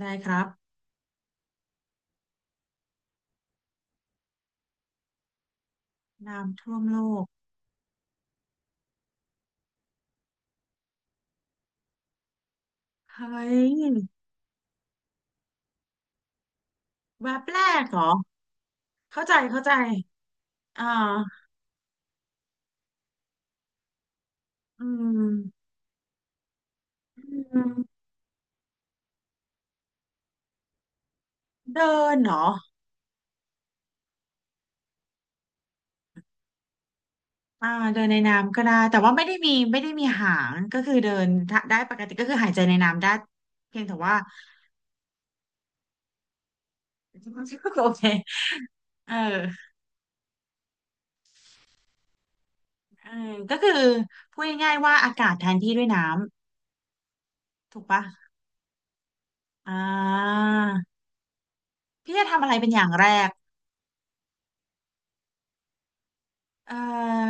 ได้ครับน้ำท่วมโลกเฮ้ยแวบแรกเหรอเข้าใจเข้าใจอ่าอืมอืมเดินเหรออ่าเดินในน้ำก็ได้แต่ว่าไม่ได้มีหางก็คือเดินถ้าได้ปกติก็คือหายใจในน้ำได้เพียงแต่ว่าโอเคเออเออก็คือพูดง่ายๆว่าอากาศแทนที่ด้วยน้ำถูกปะอ่าพี่จะทำอะไรเป็นอย่างแรกเอ่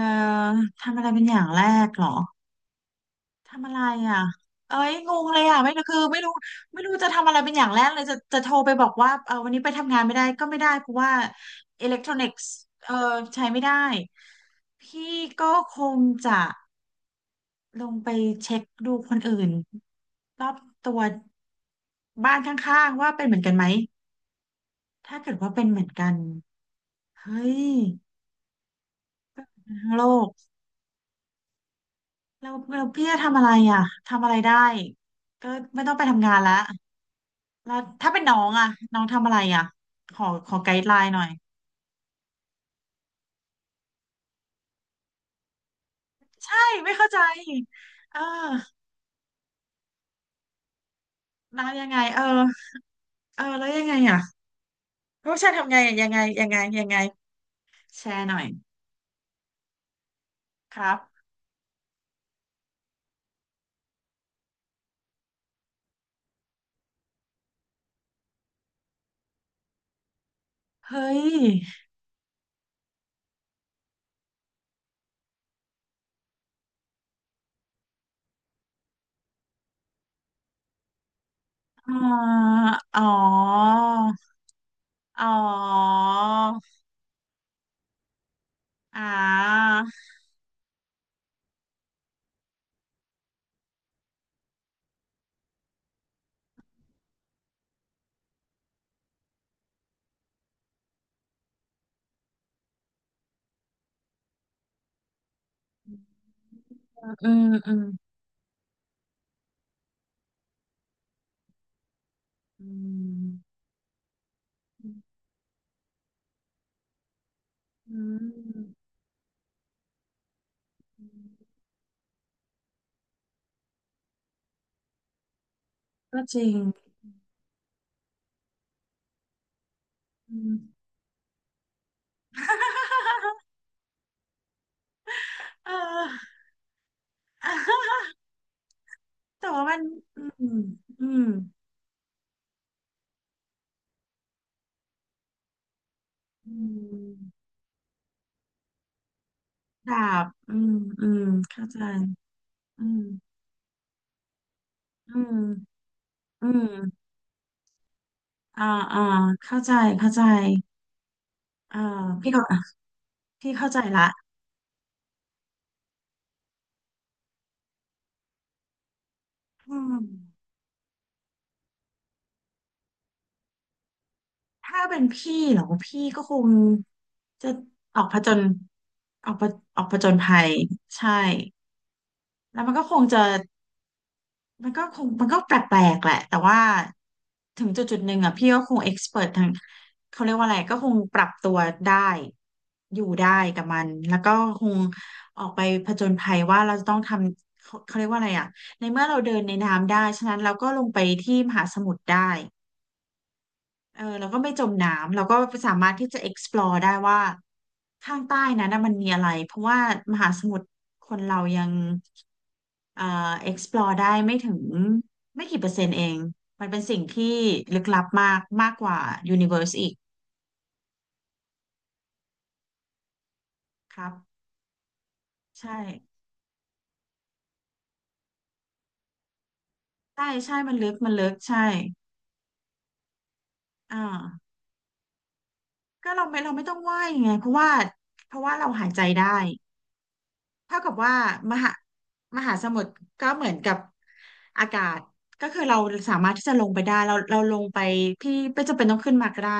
อทำอะไรเป็นอย่างแรกเหรอ ทำอะไรอ่ะเอ้ยงงเลยอ่ะไม่รู้คือไม่รู้จะทำอะไรเป็นอย่างแรกเลยจะโทรไปบอกว่าเออวันนี้ไปทำงานไม่ได้ก็ไม่ได้เพราะว่าอิเล็กทรอนิกส์เออใช้ไม่ได้พี่ก็คงจะลงไปเช็คดูคนอื่นรอบตัวบ้านข้างๆว่าเป็นเหมือนกันไหมถ้าเกิดว่าเป็นเหมือนกันเฮ้ยทั้งโลกแล้วแล้วพี่จะทำอะไรอ่ะทำอะไรได้ก็ไม่ต้องไปทำงานละ แล้วถ้าเป็นน้องอะน้องทำอะไรอะขอไกด์ไลน์หน่อยใช่ไม่เข้าใจเออแล้วยังไงเออเออแล้วยังไงอะผู้ชายทำไงอะยังไงแชร์หน่อยครับเฮ้ยอ๋ออ๋ออ๋ออ่าอืมอืมอืมอืมอืมก็จริงอืม เออ แต่ว่ามันอืมอืม อืมดาบอืมอืมเข้าใจอืมอืมอืมอ่าอ่าเข้าใจ เข้าใจเอ่อพี่ก็พี่เข้าใจละอืมถ้าเป็นพี่เหรอ พี่ก็คงจะออกผจญออกผออกผจญภัยใช่ แล้วมันก็คงจะ มันก็คงมันก็แปลกๆแหละแต่ว่าถึงจุดหนึ่งอ่ะพี่ก็คงเอ็กซ์เพรททางเขาเรียกว่าอะไรก็คงปรับตัวได้อยู่ได้กับมันแล้วก็คงออกไปผจญภัยว่าเราจะต้องทำเขาเรียกว่าอะไรอ่ะในเมื่อเราเดินในน้ำได้ฉะนั้นเราก็ลงไปที่มหาสมุทรได้ เออเราก็ไม่จมน้ำเราก็สามารถที่จะ explore ได้ว่าข้างใต้นั้นนะมันมีอะไรเพราะว่ามหาสมุทรคนเรายังเอ่อ explore ได้ไม่ถึงไม่กี่เปอร์เซ็นต์เองมันเป็นสิ่งที่ลึกลับมากมากกว่า universe อีกครับใช่ใช่ใช่มันลึกมันลึกใช่อ่าก็เราไม่ต้องว่ายไงเพราะว่าเพราะว่าเราหายใจได้ เท่ากับว่ามหามหาสมุทรก็เหมือนกับอากาศก็คือเราสามารถที่จะลงไปได้เราลงไปพี่ไม่จำเป็นต้องขึ้นมาก็ได้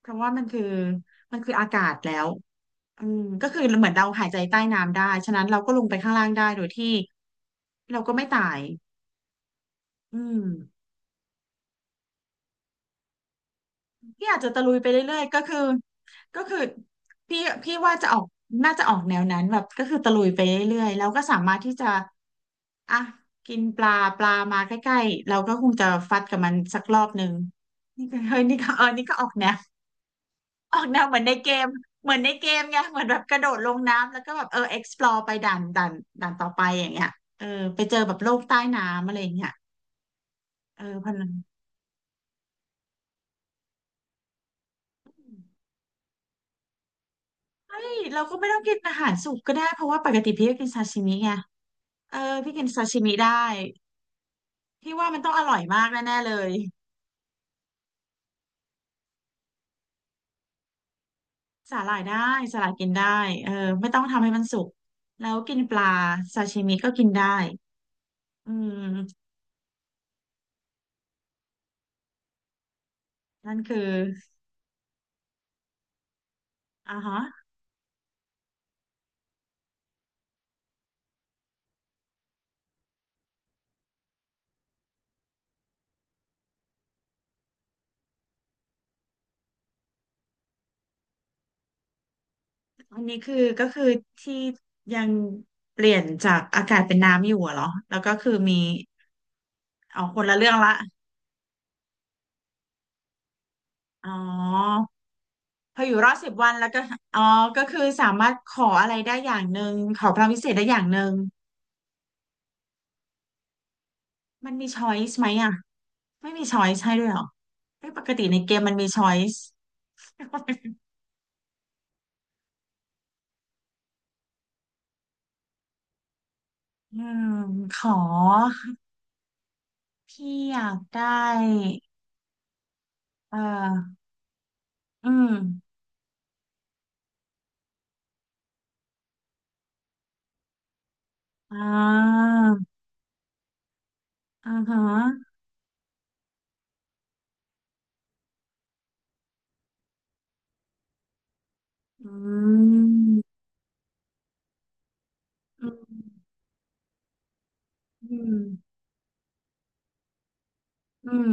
เพราะว่ามันคือมันคืออากาศแล้วอืมก็คือเหมือนเราหายใจใต้น้ำได้ฉะนั้นเราก็ลงไปข้างล่างได้โดยที่เราก็ไม่ตายอืม พี่อาจจะตะลุยไปเรื่อยๆก็คือก็คือพี่พี่ว่าจะออกน่าจะออกแนวนั้นแบบก็คือตะลุยไปเรื่อยๆแล้วก็สามารถที่จะอ่ะกินปลาปลามาใกล้ๆเราก็คงจะฟัดกับมันสักรอบหนึ่งนี่ก็เฮ้ยนี่ก็เออนี่ก็ออกแนวออกแนวเหมือนในเกมเหมือนในเกมไงเหมือนแบบกระโดดลงน้ำแล้วก็แบบเออ explore ไปด่านด่านด่านต่อไปอย่างเงี้ยเออไปเจอแบบโลกใต้น้ำอะไรอย่างเงี้ยเออเพราะนันเฮ้ยเราก็ไม่ต้องกินอาหารสุกก็ได้เพราะว่าปกติพี่ก็กินซาชิมิไง เออพี่กินซาชิมิได้พี่ว่ามันต้องอร่อยมากแน่ๆเลยสาหร่ายได้สาหร่ายกินได้เออไม่ต้องทำให้มันสุกแล้วกินปลาซาชิมิก็กินได้อืมนั่นคืออ่าฮะอันนี้คือก็คือที่ยังเปลี่ยนจากอากาศเป็นน้ำอยู่อะเหรอแล้วก็คือมีเอาคนละเรื่องละอ๋อพออยู่รอดสิบวันแล้วก็อ๋อก็คือสามารถขออะไรได้อย่างหนึ่งขอพลังวิเศษได้อย่างหนึ่งมันมีช้อยส์ไหมอะ ไม่มีช้อยส์ใช่ด้วยเหรอไม่ปกติในเกมมันมีช้อยส์ อืมขอพี่อยากได้เอ่ออืมอ่าอ่าฮะอืมอืมอืมอืม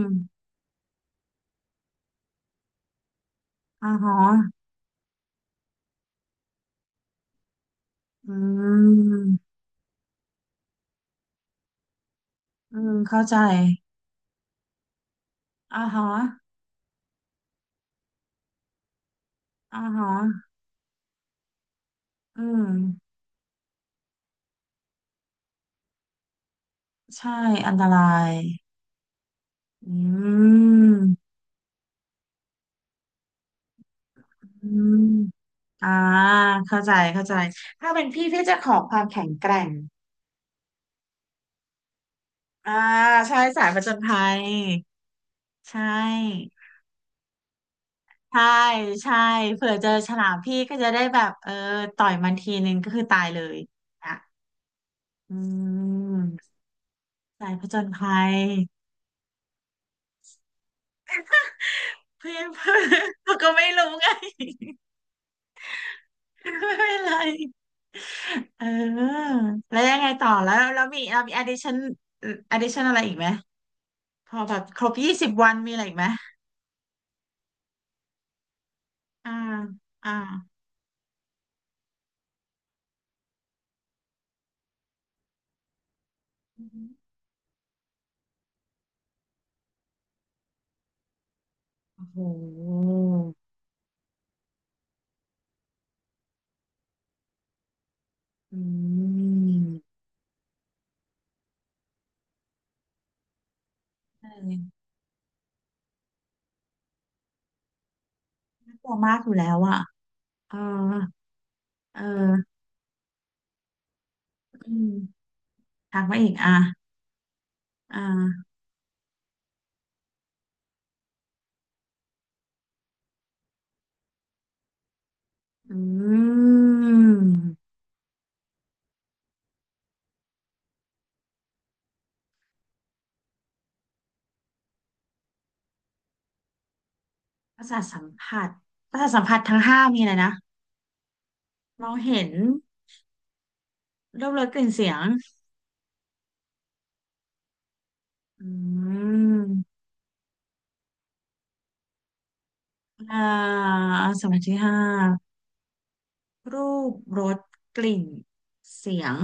อ่าฮะอืมอืมเข้าใจอ่าฮะอ่าฮะอืมใช่อันตรายอืมอืม อ่าเข้าใจเข้าใจถ้าเป็นพี่พี่จะขอความแข็งแกร่งอ่าใช่สายผจญภัยใช่ใช่ใช่เผื่อเจอฉลามพี่ก็จะได้แบบเออต่อยมันทีนึงก็คือตายเลยอ่ะอืมสายผจญภัยเพื่อน เพื่อนเขาก็ไม่รู้ไงไม่เป็นไรเออแล้วยังไงต่อแล้วแล้วมีเรามี addition addition อะไรอีกไหมพอแบบครบยี่สิบวันมีอะไรอีกไหมอ่าอ่า โอ้โหอืมเออน่ากลัวมากอยู่แล้วอ่ะเออเอออืมทักมาอีกอ่ะอ่าอืมประสาทสัมผัสประสาทสัมผัสทั้งห้ามีอะไรนะมองเห็นรูปรสกลิ่นเสียงอืมอ่าสัมผัสที่ห้ารูปรสกลิ่นเสียง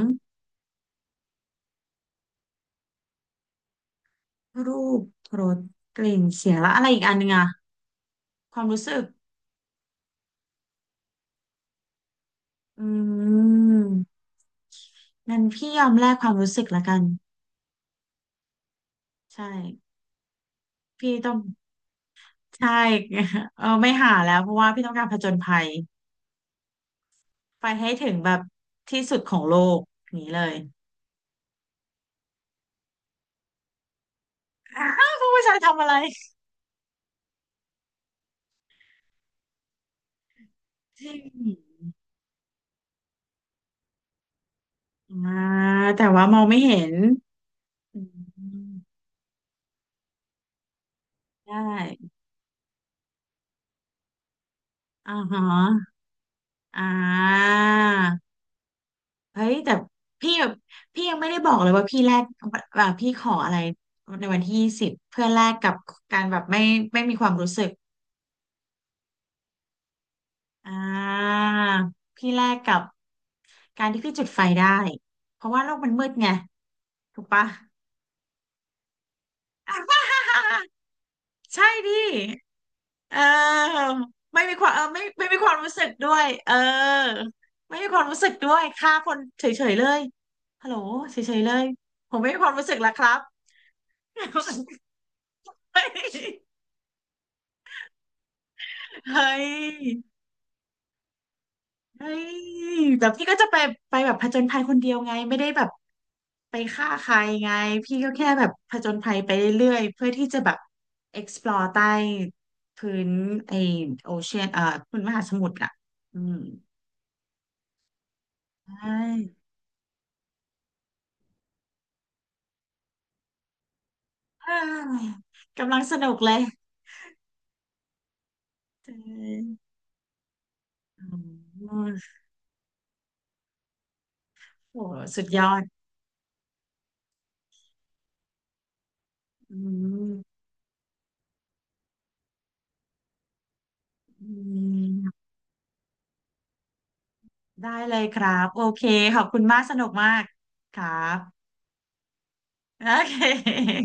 รูปรสกลิ่นเสียงแล้วอะไรอีกอันหนึงอ่ะความรู้สึก อืมงั้นพี่ยอมแลกความรู้สึกละกันใช่พี่ต้องใช่ เออไม่หาแล้วเพราะว่าพี่ต้องการผจญภัยไปให้ถึงแบบที่สุดของโลกอย่างนี้เลย อ้าวผู้ชายทำอะไรจริงอ่าแต่ว่ามองไม่เห็นอืมได้อ่าฮะอ่า เฮ้ยแต่พี่พี่ยังไม่ได้บอกเลยว่าพี่แลกว่าพี่ขออะไรในวันที่ยี่สิบเพื่อแลกกับการแบบไม่มีความรู้สึกอ่าพี่แลกกับการที่พี่จุดไฟได้เพราะว่าโลกมันมืดไงถูกปะ ใช่ดิเออไม่มีความรู้สึกด้วยเออไม่มีความรู้สึกด้วยฆ่าคนเฉยๆเลยฮัลโหลเฉยๆเลยผมไม่มีความรู้สึกแล้วครับ เฮ้ยเฮ้ยเฮ้ยแบบพี่ก็จะไปไปแบบผจญภัยคนเดียวไงไม่ได้แบบไปฆ่าใครไงพี่ก็แค่แบบผจญภัยไปเรื่อยๆเพื่อที่จะแบบ explore ใต้พื้นไอโอเชียนพื้นมหาสมุทรอ่ะอืมใช่เอ้ยกำลังสนุกเลยเอออืมโหสุดยอดอืมอืม ได้เลยครับโอเคขอบคุณมากสนุกมากครับโอเค